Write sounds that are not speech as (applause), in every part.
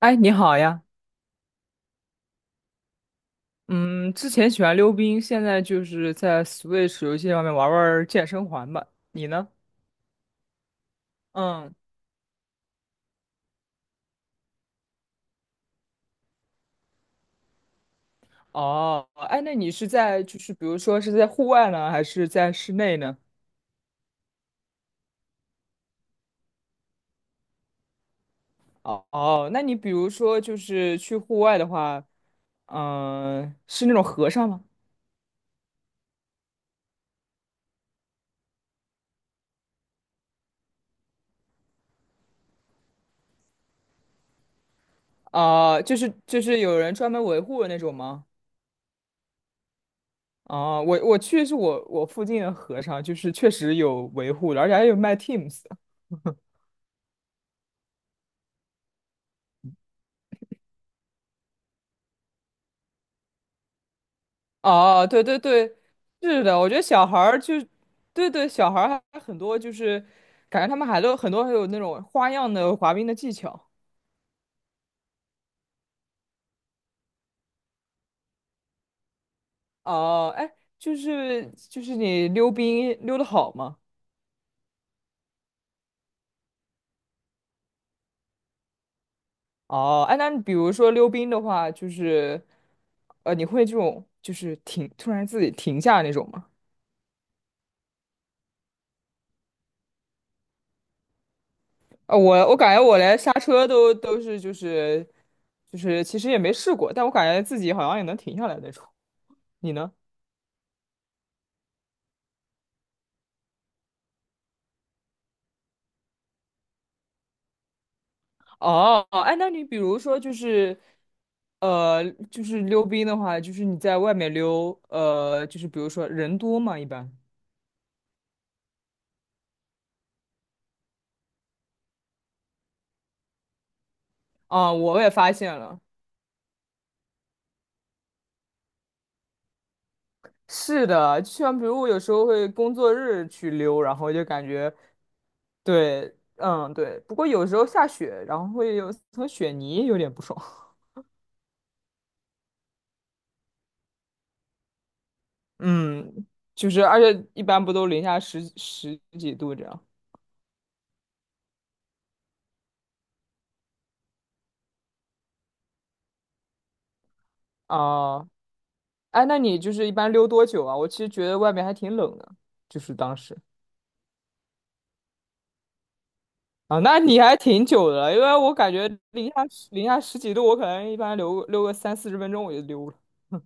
哎，你好呀。嗯，之前喜欢溜冰，现在就是在 Switch 游戏上面玩玩健身环吧。你呢？嗯，哦，哎，那你是在就是比如说是在户外呢，还是在室内呢？哦哦，那你比如说就是去户外的话，是那种和尚吗？啊，就是有人专门维护的那种吗？哦，我去是我附近的和尚，就是确实有维护的，而且还有卖 Teams。哦，对对对，是的，我觉得小孩儿就，对对，小孩儿还很多，就是感觉他们还都很多还有那种花样的滑冰的技巧。哦，哎，就是你溜冰溜得好吗？哦，哎，那你比如说溜冰的话，就是你会这种就是停，突然自己停下那种吗？我感觉我连刹车都是就是其实也没试过，但我感觉自己好像也能停下来那种。你呢？哦，哎，那你比如说就是，就是溜冰的话，就是你在外面溜，就是比如说人多嘛，一般啊，我也发现了，是的，就像比如我有时候会工作日去溜，然后就感觉对，嗯，对，不过有时候下雪，然后会有层雪泥有点不爽。(laughs) 嗯，就是而且一般不都零下十几度这样。啊，哎，那你就是一般溜多久啊？我其实觉得外面还挺冷的，就是当时。啊，那你还挺久的了因为我感觉零下十几度，我可能一般溜个30到40分钟我就溜了。(laughs)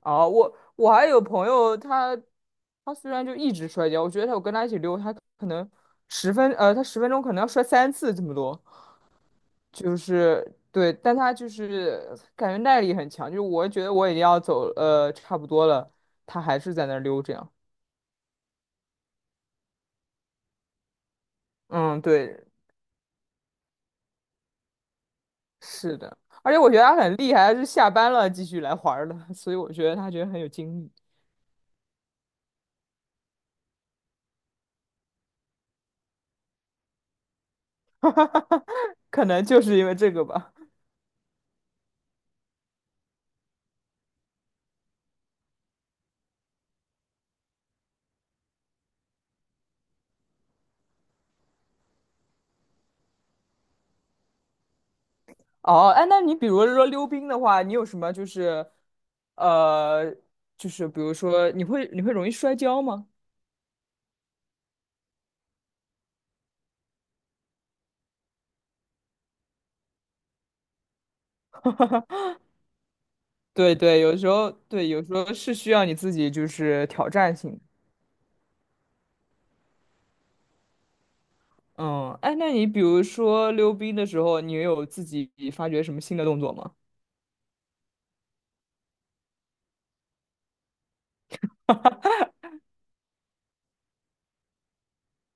啊，我还有朋友他，他虽然就一直摔跤，我觉得他我跟他一起溜，他可能他十分钟可能要摔3次这么多，就是对，但他就是感觉耐力很强，就是我觉得我已经要走差不多了，他还是在那儿溜这样。嗯，对，是的，而且我觉得他很厉害，他是下班了继续来玩儿的，(laughs) 所以我觉得他觉得很有精力，(laughs) 可能就是因为这个吧。哦，哎，那你比如说溜冰的话，你有什么就是，呃，就是比如说你会容易摔跤吗？对对，有时候对，有时候是需要你自己就是挑战性的。嗯，哎，那你比如说溜冰的时候，你有自己发掘什么新的动作吗？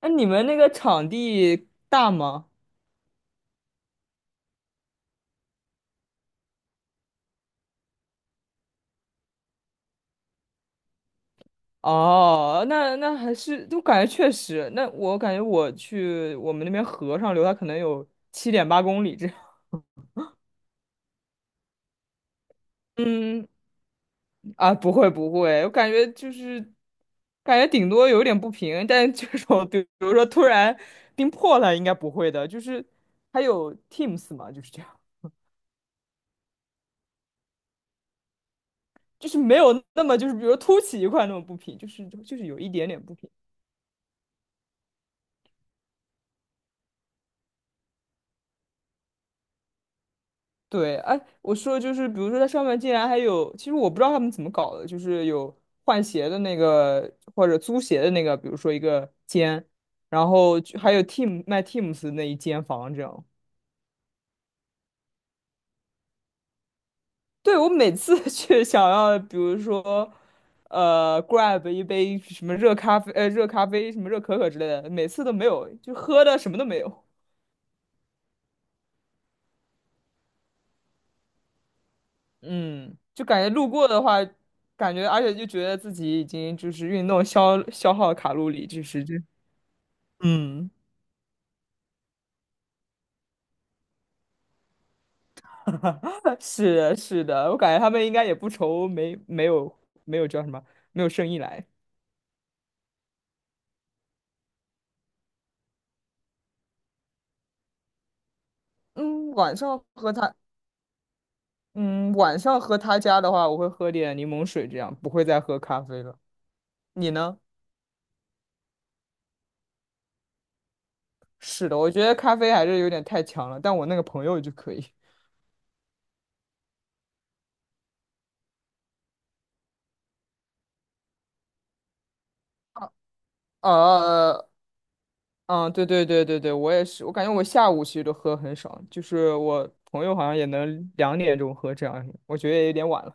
那你们那个场地大吗？哦，那还是，就感觉确实，那我感觉我去我们那边河上流，它可能有7.8公里这样。嗯，啊，不会不会，我感觉就是感觉顶多有点不平，但这种比如说突然冰破了，应该不会的。就是还有 Teams 嘛，就是这样，就是没有那么就是比如说凸起一块那么不平，就是有一点点不平。对，哎，我说就是，比如说它上面竟然还有，其实我不知道他们怎么搞的，就是有换鞋的那个或者租鞋的那个，比如说一个间，然后就还有 Team 卖 Teams 的那一间房这样。对，我每次 (laughs) 去想要，比如说，grab 一杯什么热咖啡，什么热可可之类的，每次都没有，就喝的什么都没有。嗯，就感觉路过的话，感觉而且就觉得自己已经就是运动消耗卡路里，就是这。嗯，(laughs) 是的，是的，我感觉他们应该也不愁没有没有叫什么没有生意来。嗯，晚上喝他，嗯，晚上喝他家的话，我会喝点柠檬水，这样不会再喝咖啡了。你呢？是的，我觉得咖啡还是有点太强了，但我那个朋友就可以。(laughs) 呃，嗯，对对对对对，我也是，我感觉我下午其实都喝很少，就是我朋友好像也能2点钟喝这样，我觉得也有点晚了。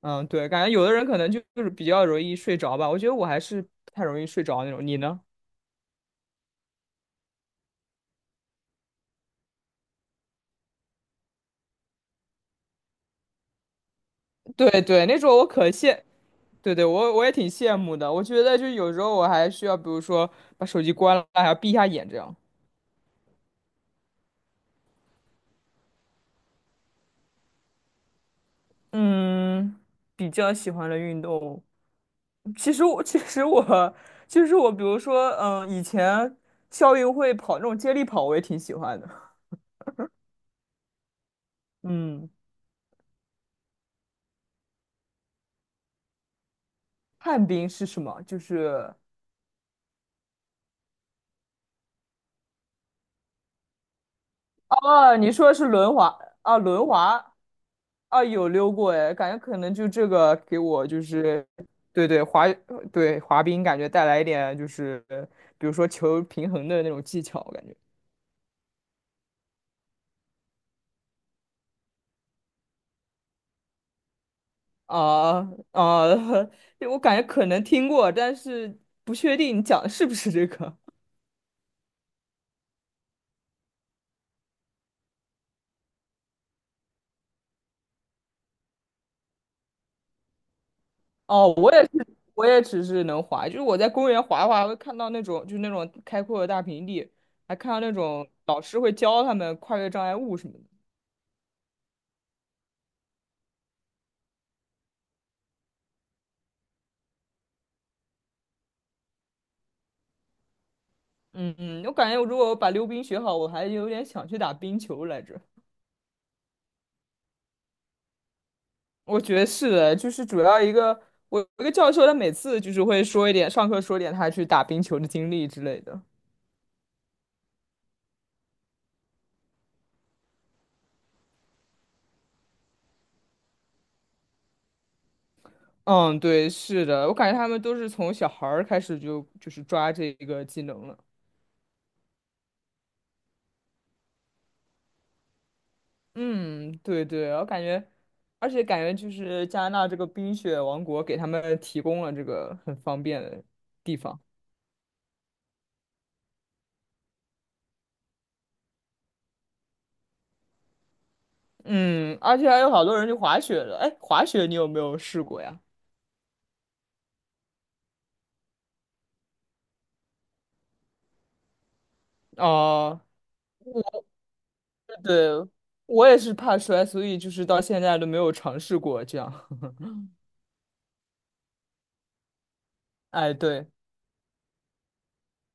嗯，对，感觉有的人可能就是比较容易睡着吧。我觉得我还是不太容易睡着那种。你呢？对对，那种我可羡，对对，我也挺羡慕的。我觉得就有时候我还需要，比如说把手机关了，还要闭一下眼这样。嗯，比较喜欢的运动，其实我就是我，比如说，以前校运会跑那种接力跑，我也挺喜欢的。嗯，旱冰是什么？就是哦，你说的是轮滑。啊，轮滑。啊，有溜过哎，感觉可能就这个给我就是，对对滑冰感觉带来一点就是，比如说求平衡的那种技巧，我感觉啊啊。(laughs) 对我感觉可能听过，但是不确定你讲的是不是这个。哦，我也是，我也只是能滑，就是我在公园滑滑会看到那种就是那种开阔的大平地，还看到那种老师会教他们跨越障碍物什么的。嗯嗯，我感觉我如果我把溜冰学好，我还有点想去打冰球来着。我觉得是的，就是主要一个我有一个教授，他每次就是会说一点，上课说点他去打冰球的经历之类的。嗯，对，是的，我感觉他们都是从小孩儿开始就是抓这个技能了。嗯，对对，我感觉，而且感觉就是加拿大这个冰雪王国给他们提供了这个很方便的地方。嗯，而且还有好多人去滑雪的。哎，滑雪你有没有试过呀？哦，对，我也是怕摔，所以就是到现在都没有尝试过这样。(laughs) 哎，对，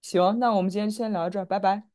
行，那我们今天先聊到这儿，拜拜。